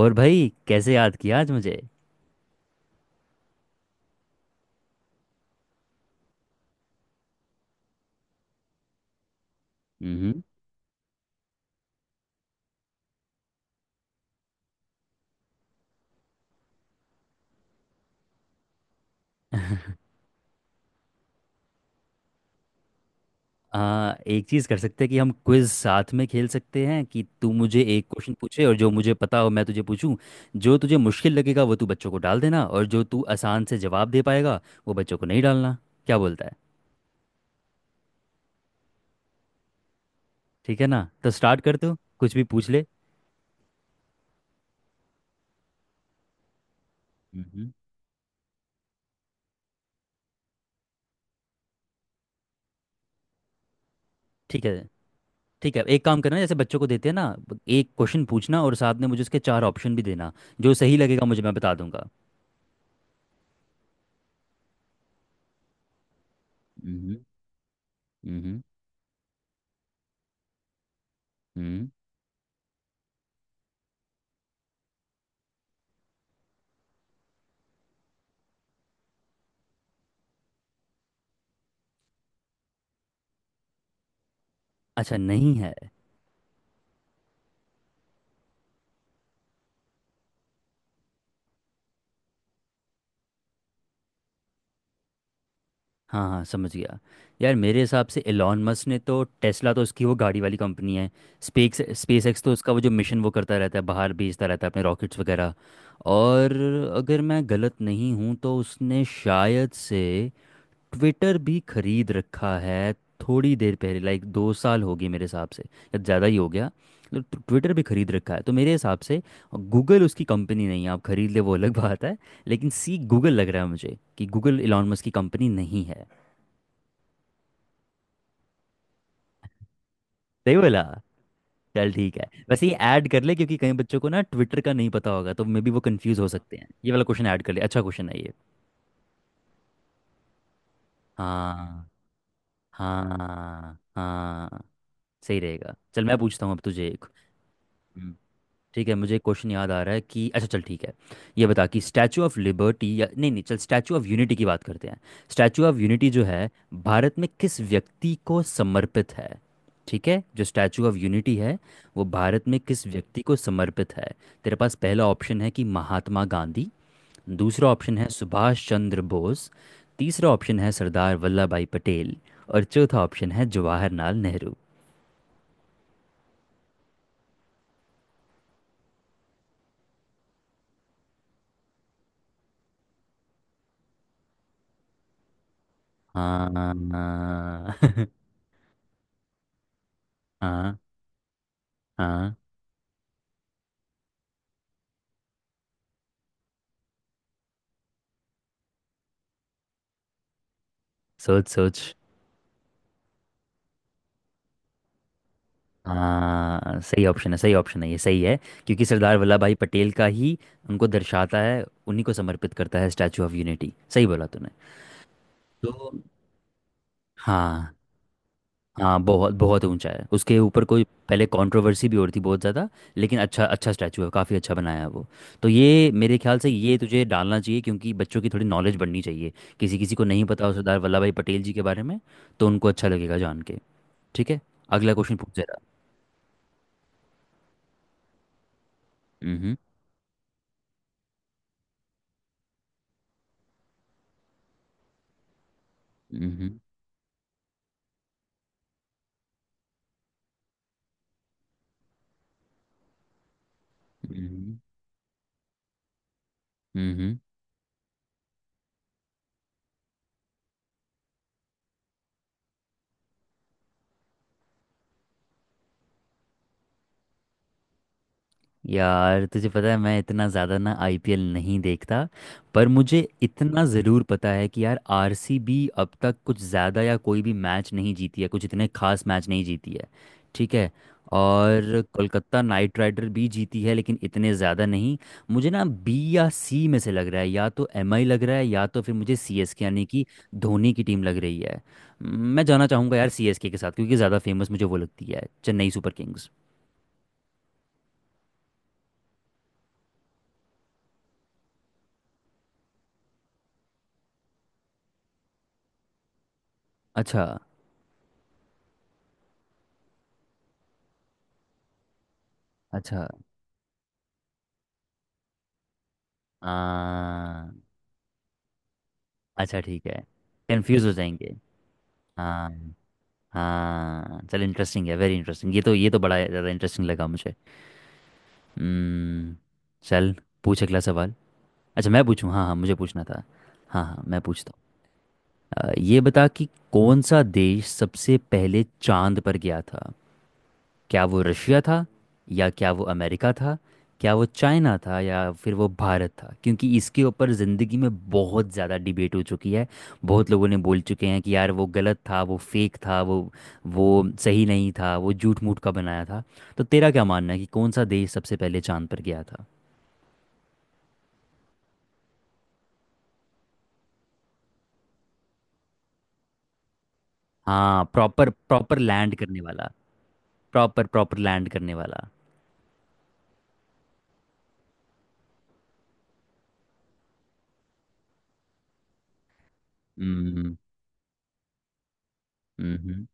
और भाई कैसे याद किया आज मुझे। हम्म। एक चीज़ कर सकते हैं कि हम क्विज साथ में खेल सकते हैं कि तू मुझे एक क्वेश्चन पूछे और जो मुझे पता हो मैं तुझे पूछूं। जो तुझे मुश्किल लगेगा वो तू बच्चों को डाल देना और जो तू आसान से जवाब दे पाएगा वो बच्चों को नहीं डालना। क्या बोलता है। ठीक है ना तो स्टार्ट कर दो कुछ भी पूछ ले। हम्म। ठीक है ठीक है, एक काम करना जैसे बच्चों को देते हैं ना, एक क्वेश्चन पूछना और साथ में मुझे उसके चार ऑप्शन भी देना। जो सही लगेगा मुझे मैं बता दूंगा। हम्म। हम्म, हम्म। अच्छा नहीं है। हाँ हाँ समझ गया। यार मेरे हिसाब से एलॉन मस्क ने तो टेस्ला तो उसकी वो गाड़ी वाली कंपनी है। स्पेस स्पेस एक्स तो उसका वो जो मिशन वो करता रहता है, बाहर भेजता रहता है अपने रॉकेट्स वगैरह। और अगर मैं गलत नहीं हूँ तो उसने शायद से ट्विटर भी खरीद रखा है। थोड़ी देर पहले लाइक दो साल हो गए मेरे हिसाब से या ज़्यादा ही हो गया। मतलब ट्विटर भी खरीद रखा है तो मेरे हिसाब से गूगल उसकी कंपनी नहीं है। आप खरीद ले वो अलग बात है, लेकिन सी गूगल लग रहा है मुझे कि गूगल एलॉन मस्क की कंपनी नहीं है। सही बोला। चल ठीक है, वैसे ये ऐड कर ले क्योंकि कई बच्चों को ना ट्विटर का नहीं पता होगा तो मे बी वो कंफ्यूज हो सकते हैं, ये वाला क्वेश्चन ऐड कर ले, अच्छा क्वेश्चन है ये। हाँ हाँ। हाँ सही रहेगा। चल मैं पूछता हूँ अब तुझे एक। ठीक है, मुझे एक क्वेश्चन याद आ रहा है कि अच्छा चल ठीक है, ये बता कि स्टैचू ऑफ लिबर्टी या नहीं नहीं चल स्टैचू ऑफ यूनिटी की बात करते हैं। स्टैचू ऑफ यूनिटी जो है भारत में किस व्यक्ति को समर्पित है। ठीक है, जो स्टैचू ऑफ यूनिटी है वो भारत में किस व्यक्ति को समर्पित है। तेरे पास पहला ऑप्शन है कि महात्मा गांधी, दूसरा ऑप्शन है सुभाष चंद्र बोस, तीसरा ऑप्शन है सरदार वल्लभ भाई पटेल, और चौथा ऑप्शन है जवाहरलाल नेहरू। हाँ हाँ। हाँ हाँ। सोच सोच। हाँ सही ऑप्शन है, सही ऑप्शन है, ये सही है। क्योंकि सरदार वल्लभ भाई पटेल का ही उनको दर्शाता है, उन्हीं को समर्पित करता है स्टैचू ऑफ यूनिटी। सही बोला तूने। तो हाँ। हाँ बहुत बहुत ऊंचा है, उसके ऊपर कोई पहले कंट्रोवर्सी भी हो रही थी बहुत ज़्यादा। लेकिन अच्छा अच्छा स्टैचू है, काफ़ी अच्छा बनाया है वो। तो ये मेरे ख्याल से ये तुझे डालना चाहिए क्योंकि बच्चों की थोड़ी नॉलेज बढ़नी चाहिए। किसी किसी को नहीं पता हो सरदार वल्लभ भाई पटेल जी के बारे में तो उनको अच्छा लगेगा जान के। ठीक है, अगला क्वेश्चन पूछ जरा। हम्म हम्म हम्म, हम्म। हम्म हम्म। यार तुझे पता है मैं इतना ज़्यादा ना आईपीएल नहीं देखता। पर मुझे इतना ज़रूर पता है कि यार आरसीबी अब तक कुछ ज़्यादा या कोई भी मैच नहीं जीती है, कुछ इतने खास मैच नहीं जीती है। ठीक है। और कोलकाता नाइट राइडर भी जीती है लेकिन इतने ज़्यादा नहीं। मुझे ना बी या सी में से लग रहा है, या तो एमआई लग रहा है या तो फिर मुझे सीएसके यानी कि धोनी की टीम लग रही है। मैं जाना चाहूँगा यार सीएसके के साथ क्योंकि ज़्यादा फेमस मुझे वो लगती है, चेन्नई सुपर किंग्स। अच्छा। अच्छा आ, अच्छा ठीक है, कंफ्यूज हो जाएंगे। हाँ। हाँ चल इंटरेस्टिंग है, वेरी इंटरेस्टिंग, ये तो बड़ा ज़्यादा इंटरेस्टिंग लगा मुझे। हम्म, चल। पूछ अगला सवाल। अच्छा मैं पूछूँ, हाँ हाँ मुझे पूछना था। हाँ हाँ मैं पूछता हूँ। ये बता कि कौन सा देश सबसे पहले चांद पर गया था। क्या वो रशिया था, या क्या वो अमेरिका था, क्या वो चाइना था, या फिर वो भारत था, क्योंकि इसके ऊपर ज़िंदगी में बहुत ज़्यादा डिबेट हो चुकी है। बहुत लोगों ने बोल चुके हैं कि यार वो गलत था, वो फेक था, वो सही नहीं था, वो झूठ मूठ का बनाया था। तो तेरा क्या मानना है कि कौन सा देश सबसे पहले चांद पर गया था। हाँ प्रॉपर प्रॉपर लैंड करने वाला, प्रॉपर प्रॉपर लैंड करने वाला। हम्म हम्म।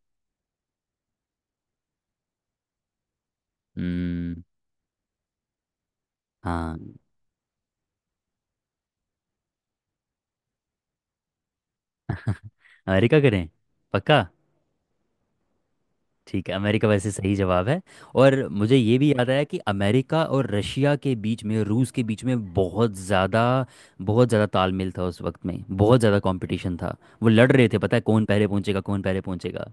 हम्म, हाँ। अमेरिका करें, पक्का। ठीक है अमेरिका वैसे सही जवाब है। और मुझे ये भी याद आया कि अमेरिका और रशिया के बीच में, रूस के बीच में बहुत ज़्यादा, बहुत ज़्यादा तालमेल था उस वक्त में, बहुत ज़्यादा कंपटीशन था। वो लड़ रहे थे पता है कौन पहले पहुंचेगा, कौन पहले पहुंचेगा।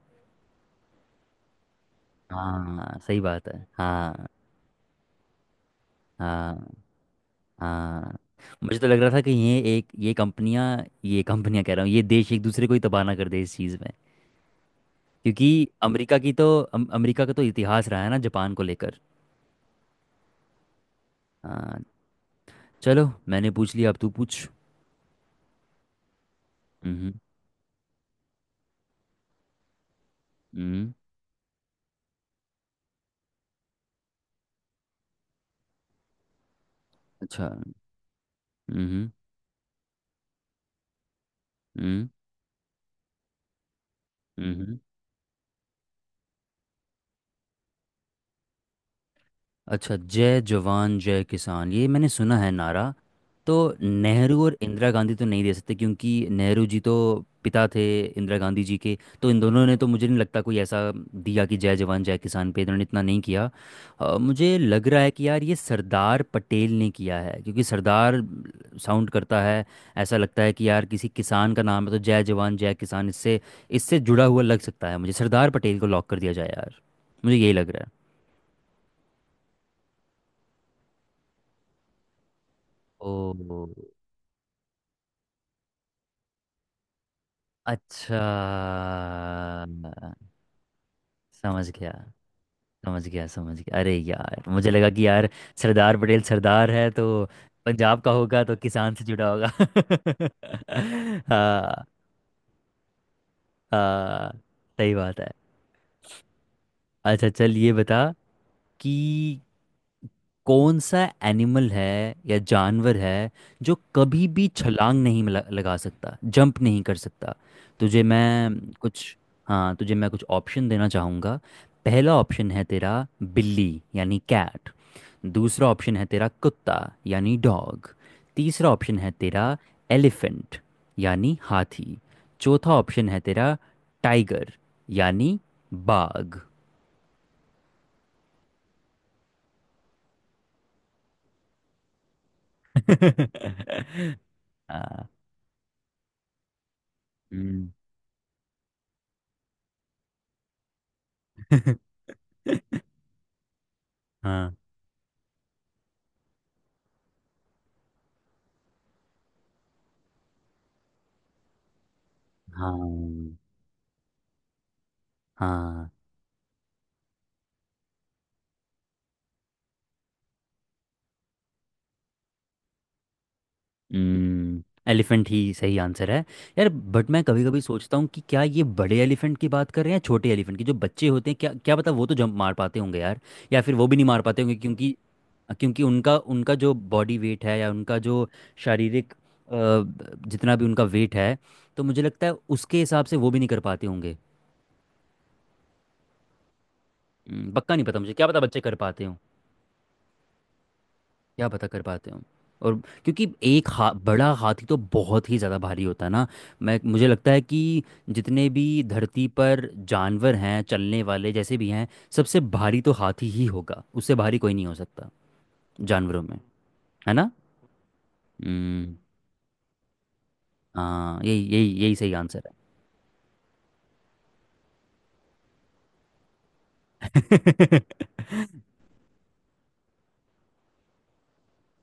हाँ सही बात है। हाँ हाँ हाँ। मुझे तो लग रहा था कि ये एक ये कंपनियां, ये कंपनियां कह रहा हूँ ये देश एक दूसरे को ही तबाह ना कर दे इस चीज़ में। क्योंकि अमेरिका की तो अमेरिका का तो इतिहास रहा है ना जापान को लेकर। हाँ। चलो मैंने पूछ लिया अब तू पूछ। हम्म हम्म। अच्छा। हम्म हम्म हम्म। अच्छा जय जवान जय किसान ये मैंने सुना है नारा। तो नेहरू और इंदिरा गांधी तो नहीं दे सकते क्योंकि नेहरू जी तो पिता थे इंदिरा गांधी जी के, तो इन दोनों ने तो मुझे नहीं लगता कोई ऐसा दिया कि जय जवान जय किसान पे इन्होंने इतना नहीं किया। मुझे लग रहा है कि यार ये सरदार पटेल ने किया है क्योंकि सरदार साउंड करता है। ऐसा लगता है कि यार किसी किसान का नाम है तो जय जवान जय किसान, इससे इससे जुड़ा हुआ लग सकता है, मुझे सरदार पटेल को लॉक कर दिया जाए यार। मुझे यही लग रहा है। ओ अच्छा। समझ गया, समझ गया, समझ गया। अरे यार मुझे लगा कि यार सरदार पटेल सरदार है तो पंजाब का होगा तो किसान से जुड़ा होगा। हाँ हाँ सही बात है। अच्छा चल ये बता कि कौन सा एनिमल है या जानवर है जो कभी भी छलांग नहीं लगा सकता, जंप नहीं कर सकता। तुझे मैं कुछ, हाँ तुझे मैं कुछ ऑप्शन देना चाहूँगा। पहला ऑप्शन है तेरा बिल्ली यानी कैट, दूसरा ऑप्शन है तेरा कुत्ता यानी डॉग, तीसरा ऑप्शन है तेरा एलिफेंट यानी हाथी, चौथा ऑप्शन है तेरा टाइगर यानी बाघ। हाँ, हम्म, हाँ हाँ हाँ। हम्म। एलिफेंट ही सही आंसर है यार। बट मैं कभी कभी सोचता हूँ कि क्या ये बड़े एलिफेंट की बात कर रहे हैं या छोटे एलिफेंट की जो बच्चे होते हैं, क्या क्या पता वो तो जंप मार पाते होंगे यार। या फिर वो भी नहीं मार पाते होंगे क्योंकि, क्योंकि उनका उनका जो बॉडी वेट है या उनका जो शारीरिक जितना भी उनका वेट है तो मुझे लगता है उसके हिसाब से वो भी नहीं कर पाते होंगे। पक्का नहीं पता मुझे, क्या पता बच्चे कर पाते। क्या पता कर पाते हो। और क्योंकि एक बड़ा हाथी तो बहुत ही ज़्यादा भारी होता है ना। मैं मुझे लगता है कि जितने भी धरती पर जानवर हैं चलने वाले जैसे भी हैं, सबसे भारी तो हाथी ही होगा, उससे भारी कोई नहीं हो सकता जानवरों में। है ना। हम्म। हाँ यही यही यही सही आंसर है।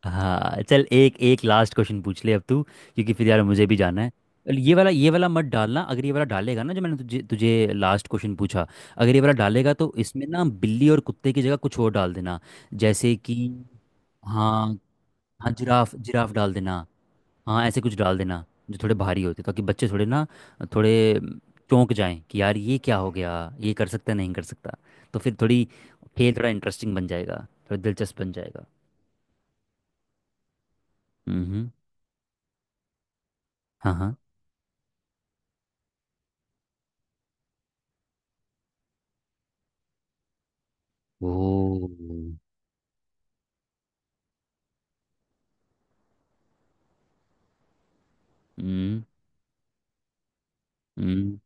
हाँ चल एक एक लास्ट क्वेश्चन पूछ ले अब तू, क्योंकि फिर यार मुझे भी जाना है। चल, ये वाला मत डालना, अगर ये वाला डालेगा ना जो मैंने तुझे तुझे लास्ट क्वेश्चन पूछा, अगर ये वाला डालेगा तो इसमें ना बिल्ली और कुत्ते की जगह कुछ और डाल देना। जैसे कि, हाँ हाँ जिराफ जिराफ डाल देना, हाँ ऐसे कुछ डाल देना जो थोड़े भारी होते ताकि बच्चे थोड़े ना, थोड़े चौंक जाएं कि यार ये क्या हो गया, ये कर सकता है, नहीं कर सकता। तो फिर थोड़ी खेल थोड़ा इंटरेस्टिंग बन जाएगा, थोड़ा दिलचस्प बन जाएगा। हम्म हम्म, हाँ हाँ। ओ हम्म। हम्म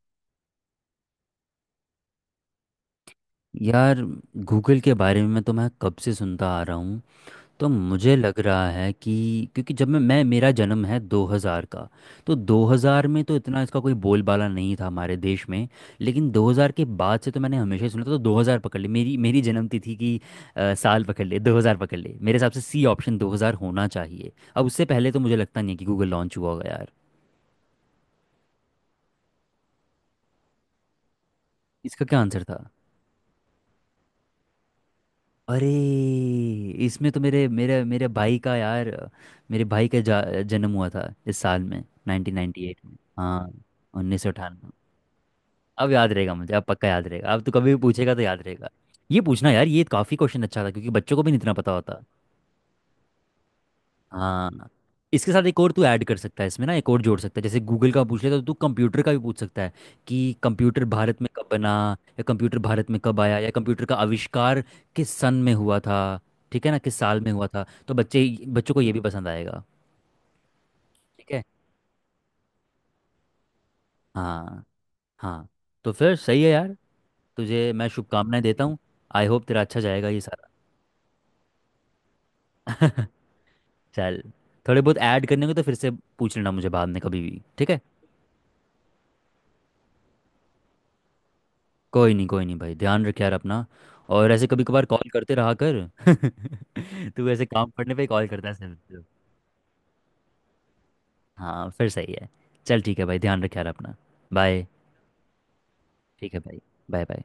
यार गूगल के बारे में मैं तो मैं कब से सुनता आ रहा हूँ। तो मुझे लग रहा है कि क्योंकि जब मैं मेरा जन्म है 2000 का, तो 2000 में तो इतना इसका कोई बोलबाला नहीं था हमारे देश में। लेकिन 2000 के बाद से तो मैंने हमेशा ही सुना था, तो 2000 पकड़ ले, मेरी मेरी जन्मतिथि की थी कि साल पकड़ ले, 2000 पकड़ ले, मेरे हिसाब से सी ऑप्शन 2000 होना चाहिए। अब उससे पहले तो मुझे लगता नहीं है कि गूगल लॉन्च हुआ होगा यार। इसका क्या आंसर था? अरे, इसमें तो मेरे मेरे मेरे भाई का यार, मेरे भाई का जन्म हुआ था इस साल में, 1998 में। हाँ, उन्नीस सौ अठानवे। अब याद रहेगा मुझे, अब पक्का याद रहेगा, अब तो कभी भी पूछेगा तो याद रहेगा। ये पूछना यार, ये काफ़ी क्वेश्चन अच्छा था क्योंकि बच्चों को भी नहीं इतना पता होता। हाँ इसके साथ एक और तू ऐड कर सकता है, इसमें ना एक और जोड़ सकता है, जैसे गूगल का पूछ ले तो तू कंप्यूटर का भी पूछ सकता है कि कंप्यूटर भारत में कब बना, या कंप्यूटर भारत में कब आया, या कंप्यूटर का आविष्कार किस सन में हुआ था। ठीक है ना, किस साल में हुआ था, तो बच्चे बच्चों को ये भी पसंद आएगा। ठीक है। हाँ हाँ। तो फिर सही है यार, तुझे मैं शुभकामनाएं देता हूँ, आई होप तेरा अच्छा जाएगा ये सारा। चल, थोड़े बहुत ऐड करने को तो फिर से पूछ लेना मुझे बाद में कभी भी, ठीक है। कोई नहीं, कोई नहीं भाई, ध्यान रख यार अपना, और ऐसे कभी कभार कॉल करते रहा कर। तू ऐसे काम पड़ने पे कॉल करता है सिर्फ। हाँ फिर सही है। चल ठीक है भाई, ध्यान रख यार अपना। बाय। ठीक है भाई, बाय बाय।